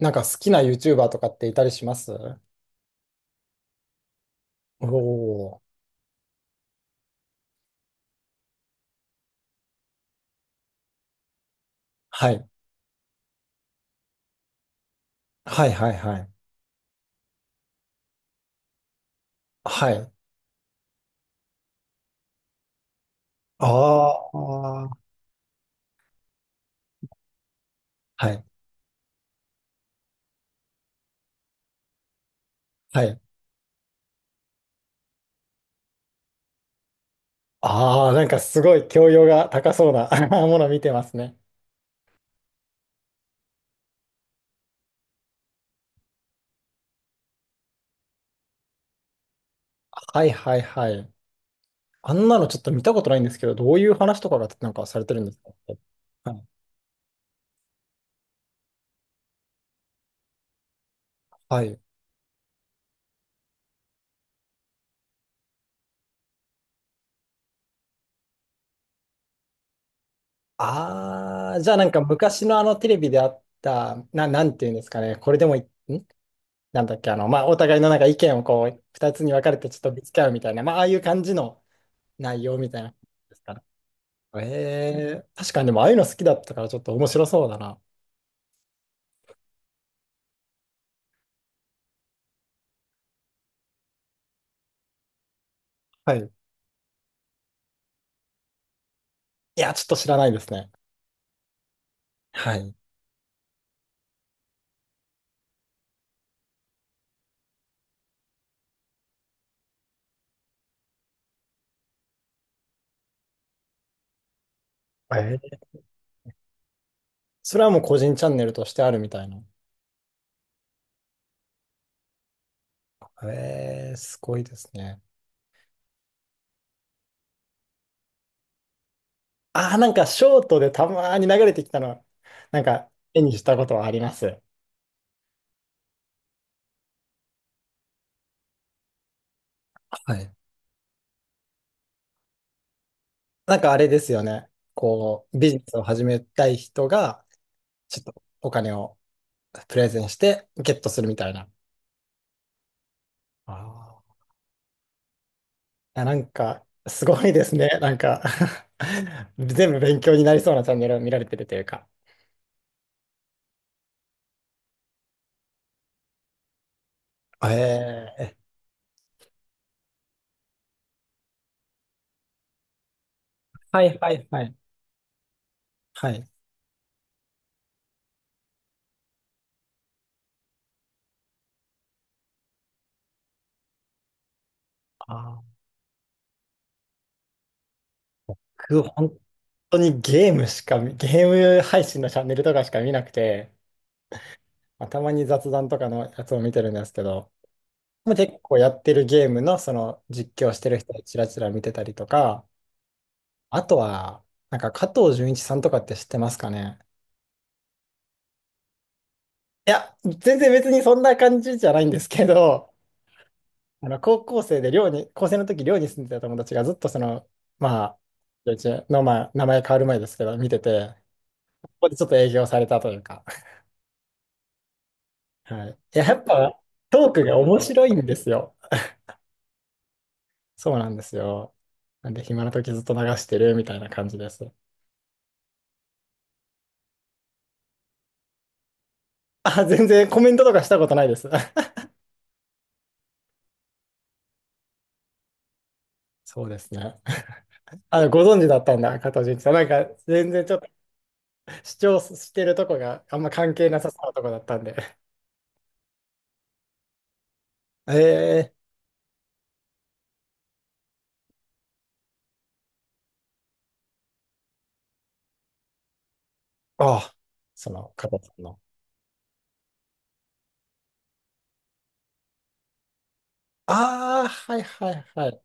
なんか好きな YouTuber とかっていたりします？おー。はい。はいはいはい。はい。ああ。はい。はい。ああ、なんかすごい教養が高そうな もの見てますね。はいはいはい。あんなのちょっと見たことないんですけど、どういう話とかがなんかされてるんですか？はい。ああ、じゃあ昔のテレビであった、なんていうんですかね、これでもい、ん、なんだっけ、あの、まあ、お互いのなんか意見をこう、二つに分かれてちょっとぶつけ合うみたいな、ああいう感じの内容みたいな。ですから。確かにでもああいうの好きだったからちょっと面白そうだな。はい。いや、ちょっと知らないですね。はい。えー、それはもう個人チャンネルとしてあるみたいな。えー、すごいですね。ああ、なんかショートでたまーに流れてきたの、なんか絵にしたことはあります。はい。なんかあれですよね。こう、ビジネスを始めたい人が、ちょっとお金をプレゼンしてゲットするみたいな。あー、や、なんか、すごいですね。なんか 全部勉強になりそうなチャンネルを見られてるというか。ええ、はいはいはい。はい。あー、僕、本当にゲームしか見、ゲーム配信のチャンネルとかしか見なくて、たまに雑談とかのやつを見てるんですけど、結構やってるゲームのその実況してる人をちらちら見てたりとか、あとは、なんか加藤純一さんとかって知ってますかね？いや、全然別にそんな感じじゃないんですけど、高校生で寮に、高生の時寮に住んでた友達がずっとその、まあ、うちの、名前変わる前ですけど、見てて、ここでちょっと営業されたというか。はい。いや、やっぱ、トークが面白いんですよ。そうなんですよ。なんで、暇な時ずっと流してるみたいな感じです。あ、全然コメントとかしたことないです。そうですね。あ、ご存知だったんだ、加藤純一さん。なんか、全然ちょっと主張してるとこがあんま関係なさそうなとこだったんで。ええ、あ あ、その、加藤さんの。ああ、はいはいはい。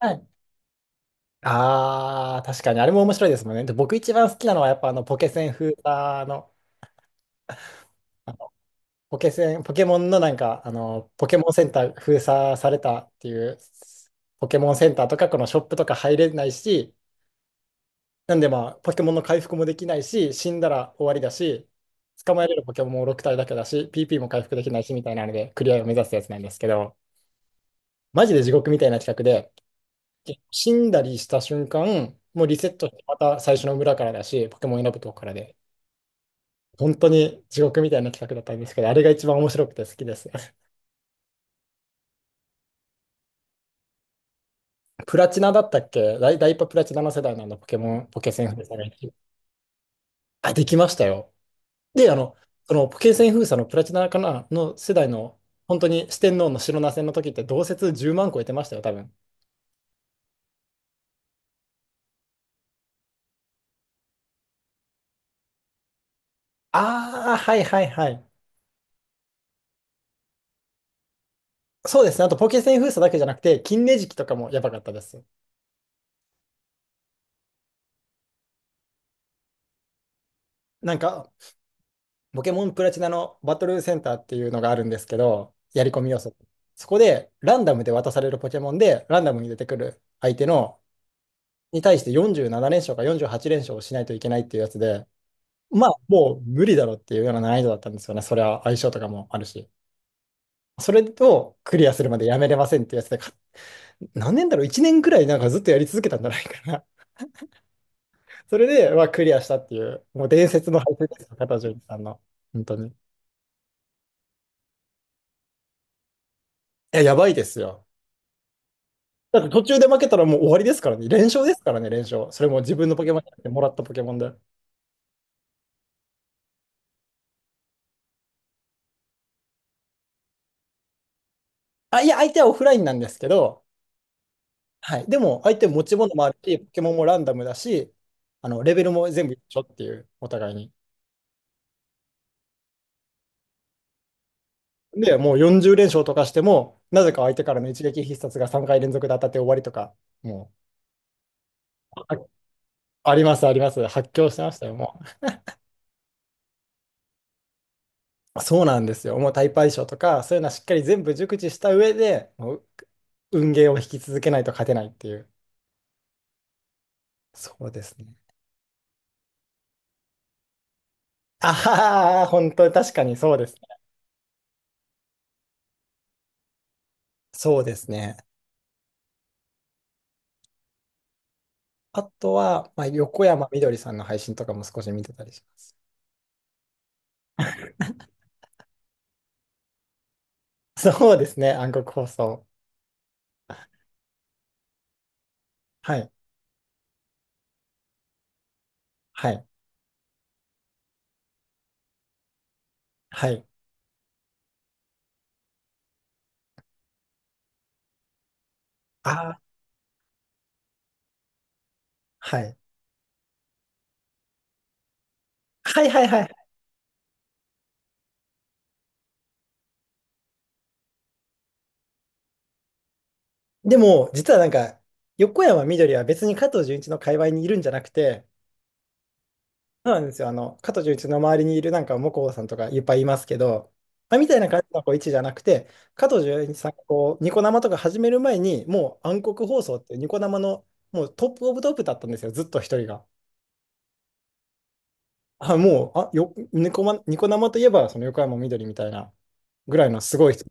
はい。ああ、確かに、あれも面白いですもんね。で、僕一番好きなのは、やっぱポケセン封鎖の、あの、ポケモンのなんか、ポケモンセンター封鎖されたっていう、ポケモンセンターとかこのショップとか入れないし、なんでまあ、ポケモンの回復もできないし、死んだら終わりだし、捕まえれるポケモンも6体だけだし、PP も回復できないし、みたいなので、クリアを目指すやつなんですけど、マジで地獄みたいな企画で、死んだりした瞬間、もうリセットしてまた最初の村からだし、ポケモン選ぶとこからで、本当に地獄みたいな企画だったんですけど、あれが一番面白くて好きです。プラチナだったっけ、ダイパプラチナの世代なんだ、ポケセン封鎖が。あ、できましたよ。で、そのポケセン封鎖のプラチナかなの世代の、本当に四天王の白ナ戦の時って同説10万個えてましたよ、多分。ああ、はいはいはい。そうですね。あと、ポケセン封鎖だけじゃなくて、金ネジキとかもやばかったです。なんか、ポケモンプラチナのバトルセンターっていうのがあるんですけど、やり込み要素。そこでランダムで渡されるポケモンで、ランダムに出てくる相手のに対して47連勝か48連勝をしないといけないっていうやつで、まあもう無理だろうっていうような難易度だったんですよね。それは相性とかもあるし。それをクリアするまでやめれませんっていうやつで、か、何年だろう？ 1 年くらいなんかずっとやり続けたんじゃないかな。それで、まあ、クリアしたっていう、もう伝説の敗戦ですよ、片条さんの。本当に。いや、やばいですよ。だって途中で負けたらもう終わりですからね。連勝ですからね、連勝。それも自分のポケモンじゃなくてもらったポケモンで。あ、いや、相手はオフラインなんですけど、はい。でも、相手持ち物もあるし、ポケモンもランダムだし、レベルも全部一緒っていう、お互いに。で、もう40連勝とかしても、なぜか相手からの一撃必殺が3回連続で当たって終わりとか、もう、あ、あります、あります。発狂してましたよ、もう。そうなんですよ。もうタイプ相性とか、そういうのはしっかり全部熟知した上で、もう運ゲーを引き続けないと勝てないっていう。そうですね。ああ、本当に確かにそうです。そうですね。あとは、まあ、横山みどりさんの配信とかも少し見てたりします。そうですね、暗黒放送。はい、はい、はい。ああ、はい。はいはいはい。でも、実はなんか、横山みどりは別に加藤純一の界隈にいるんじゃなくて、そうなんですよ。加藤純一の周りにいるなんか、向こうさんとかいっぱいいますけど、みたいな感じのこう位置じゃなくて、加藤純一さんがこう、ニコ生とか始める前に、もう暗黒放送っていうニコ生のもうトップオブトップだったんですよ、ずっと一人が。あ、もう、あ、よ、ニコマ、ニコ生といえば、その横山みどりみたいなぐらいのすごい人。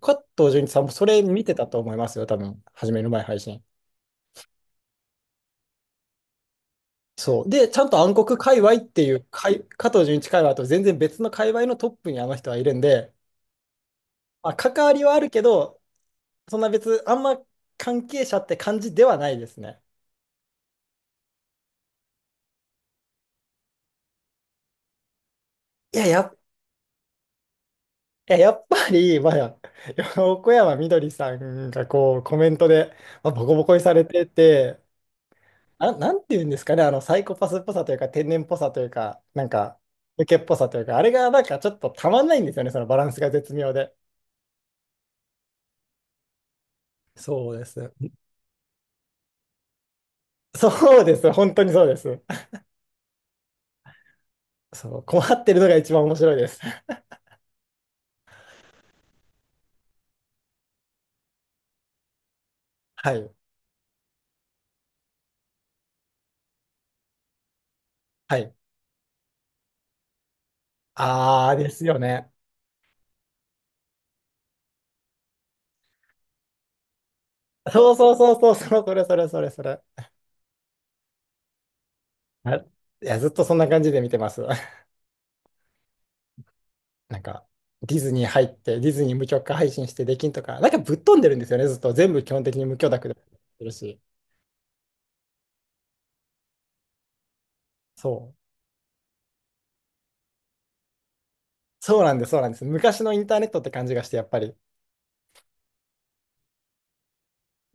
加藤純一さんもそれ見てたと思いますよ、多分、始める前配信。そう。で、ちゃんと暗黒界隈っていう、加藤純一界隈と全然別の界隈のトップにあの人はいるんで、まあ、関わりはあるけど、そんな別、あんま関係者って感じではないですね。いや、やっ、いや、やっぱり、まあ、横山みどりさんがこうコメントで、まあ、ボコボコにされてて、あ、なんていうんですかね、あのサイコパスっぽさというか、天然っぽさというか、なんか、受けっぽさというか、あれがなんかちょっとたまんないんですよね、そのバランスが絶妙で。そうです。そうです、本当にそうです。そう、困ってるのが一番面白いです。はい。はい。あーですよね。そうそうそうそう、そうそれそれそれそれ。いや、ずっとそんな感じで見てます。なんか、ディズニー入って、ディズニー無許可配信してできんとか、なんかぶっ飛んでるんですよね、ずっと。全部基本的に無許諾でやってるし。そう。そうなんです、そうなんです。昔のインターネットって感じがして、やっぱり。